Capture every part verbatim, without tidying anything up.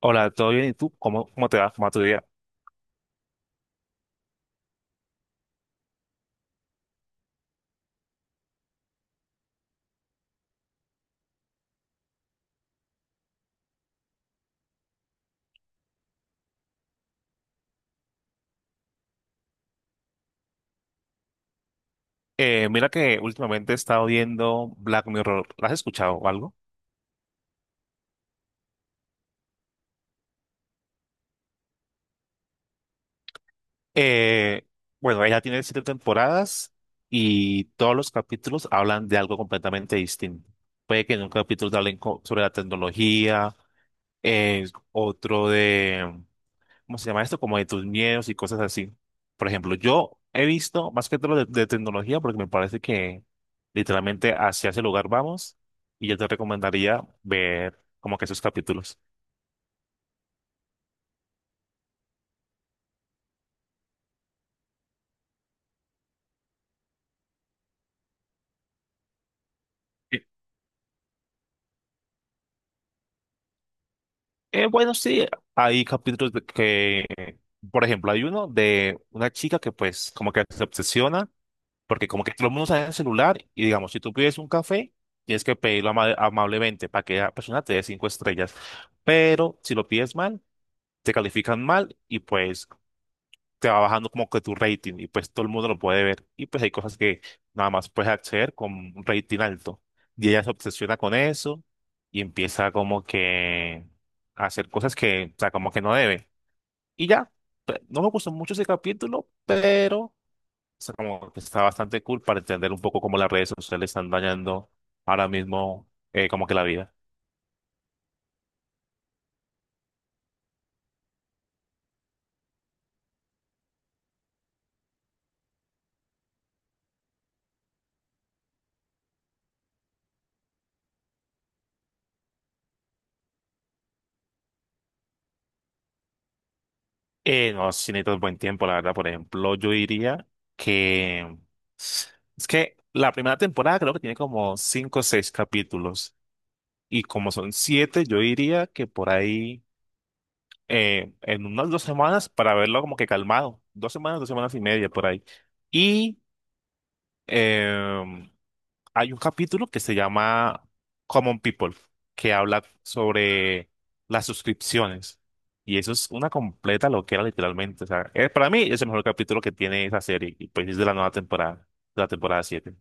Hola, ¿todo bien? ¿Y tú? ¿Cómo, cómo te va? ¿Cómo va tu día? Eh, mira que últimamente he estado viendo Black Mirror. ¿La has escuchado o algo? Eh, bueno, ella tiene siete temporadas y todos los capítulos hablan de algo completamente distinto. Puede que en un capítulo te hablen co- sobre la tecnología, eh, otro de ¿cómo se llama esto? Como de tus miedos y cosas así. Por ejemplo, yo he visto más que todo de, de tecnología porque me parece que literalmente hacia ese lugar vamos y yo te recomendaría ver como que esos capítulos. Eh, eh, bueno, sí, hay capítulos de que, por ejemplo, hay uno de una chica que pues como que se obsesiona porque como que todo el mundo sabe el celular y digamos, si tú pides un café, tienes que pedirlo ama- amablemente para que la persona te dé cinco estrellas. Pero si lo pides mal, te califican mal y pues te va bajando como que tu rating y pues todo el mundo lo puede ver y pues hay cosas que nada más puedes acceder con un rating alto. Y ella se obsesiona con eso y empieza como que a hacer cosas que, o sea, como que no debe. Y ya, pe- no me gustó mucho ese capítulo, pero o sea, como que está bastante cool para entender un poco cómo las redes sociales están dañando ahora mismo eh, como que la vida. Eh, no, si necesitas buen tiempo, la verdad. Por ejemplo, yo diría que es que la primera temporada creo que tiene como cinco o seis capítulos. Y como son siete, yo diría que por ahí eh, en unas dos semanas para verlo como que calmado. Dos semanas, dos semanas y media por ahí. Y em, hay un capítulo que se llama Common People, que habla sobre las suscripciones. Y eso es una completa loquera, literalmente. O sea, eh, para mí es el mejor capítulo que tiene esa serie. Y pues es de la nueva temporada, de la temporada siete.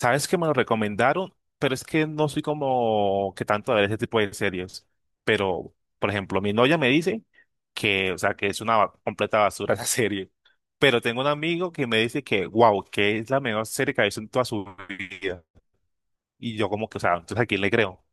Sabes que me lo recomendaron, pero es que no soy como que tanto a ver ese tipo de series. Pero, por ejemplo, mi novia me dice que, o sea, que es una ba- completa basura esa serie. Pero tengo un amigo que me dice que, wow, que es la mejor serie que ha visto en toda su vida. Y yo como que, o sea, entonces ¿a quién le creo?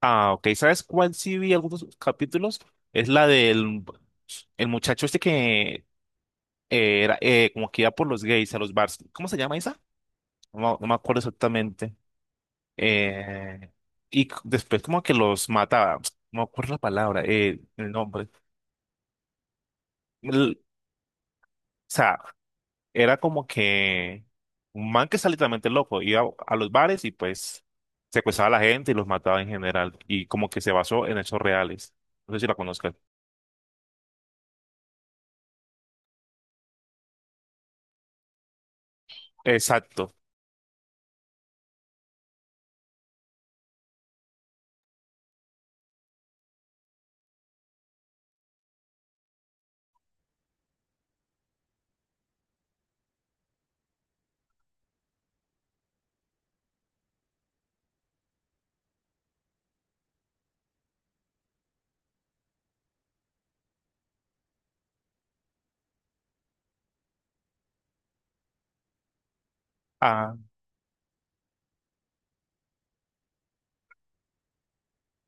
Ah, ok, ¿sabes cuál sí vi algunos capítulos? Es la del el muchacho este que eh, era eh, como que iba por los gays a los bars. ¿Cómo se llama esa? No, me no me acuerdo exactamente. Eh, y c- después como que los mataba. No me acuerdo la palabra, eh, el nombre. El- o sea, era como que un man que está literalmente loco, iba a los bares y pues secuestraba a la gente y los mataba en general y como que se basó en hechos reales. No sé si la conozcas. Exacto. Ah,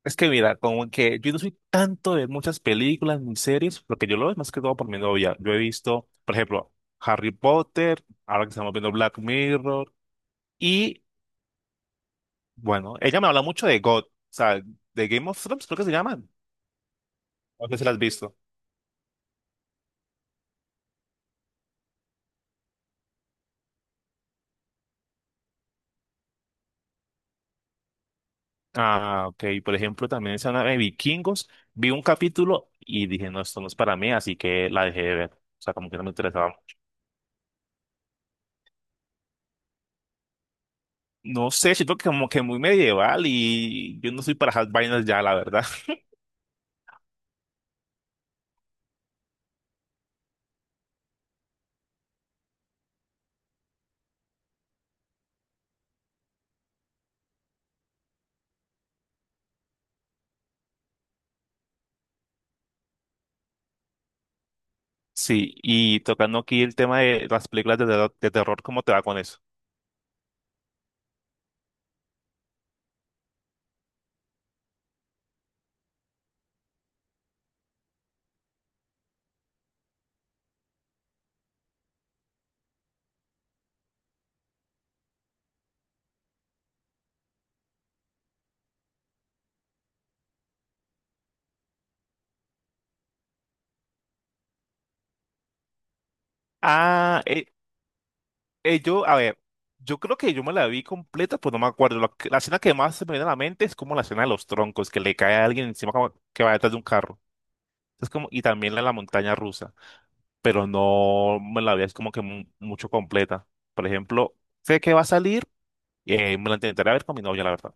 es que mira, como que yo no soy tanto de muchas películas ni series, lo que yo lo veo es más que todo por mi novia. Yo he visto, por ejemplo, Harry Potter, ahora que estamos viendo Black Mirror y bueno, ella me habla mucho de God, o sea, de Game of Thrones, creo que se llaman. No sé si la has visto. Ah, ok. Por ejemplo, también esa nave de Vikingos, vi un capítulo y dije, no, esto no es para mí, así que la dejé de ver. O sea, como que no me interesaba. No sé, siento que como que muy medieval y yo no soy para esas vainas ya, la verdad. Sí, y tocando aquí el tema de las películas de terror, de terror, ¿cómo te va con eso? Ah, eh, eh, yo, a ver, yo creo que yo me la vi completa, pues no me acuerdo. Lo que- La escena que más se me viene a la mente es como la escena de los troncos, que le cae a alguien encima como que va detrás de un carro. Es como, y también la de la montaña rusa. Pero no me la veía es como que mu- mucho completa. Por ejemplo, sé que va a salir, eh, me la intentaré ver con mi novia, la verdad.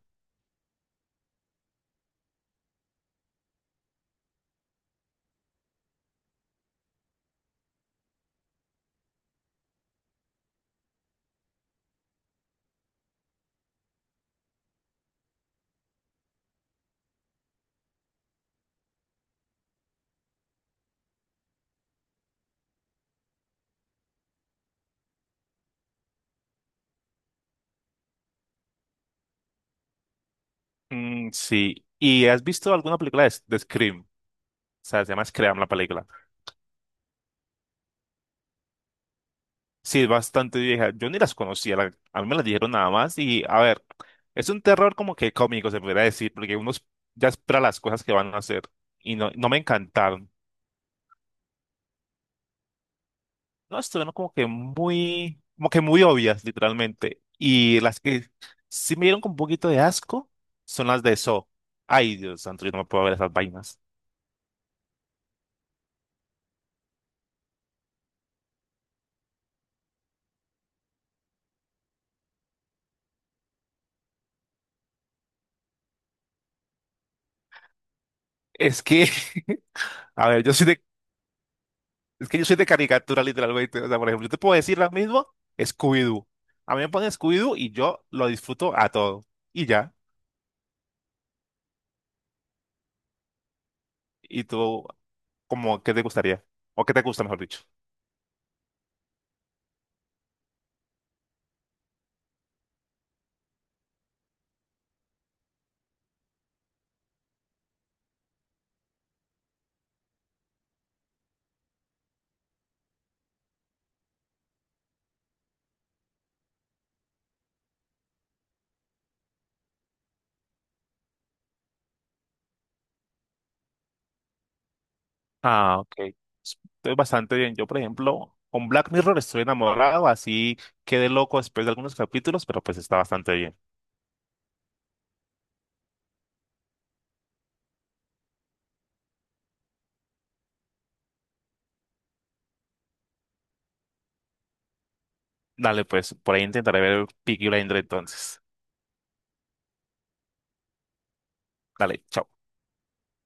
Mm, sí. ¿Y has visto alguna película de, S- de Scream? O sea, se llama Scream la película. Sí, es bastante vieja. Yo ni las conocía, la- a mí me las dijeron nada más. Y a ver, es un terror como que cómico, se podría decir, porque uno es- ya espera las cosas que van a hacer. Y no, no me encantaron. No, estuvieron como que muy, como que muy obvias, literalmente. Y las que sí me dieron con un poquito de asco son las de eso. Ay, Dios santo, yo no me puedo ver esas vainas. Es que, a ver, yo soy de, es que yo soy de caricatura, literalmente. O sea, por ejemplo, yo te puedo decir lo mismo, Scooby-Doo. A mí me ponen Scooby-Doo y yo lo disfruto a todo. Y ya. Y tú, como, ¿qué te gustaría? ¿O qué te gusta, mejor dicho? Ah, ok. Estoy bastante bien. Yo, por ejemplo, con Black Mirror estoy enamorado, así quedé loco después de algunos capítulos, pero pues está bastante bien. Dale, pues, por ahí intentaré ver Peaky Blinders entonces. Dale, chao.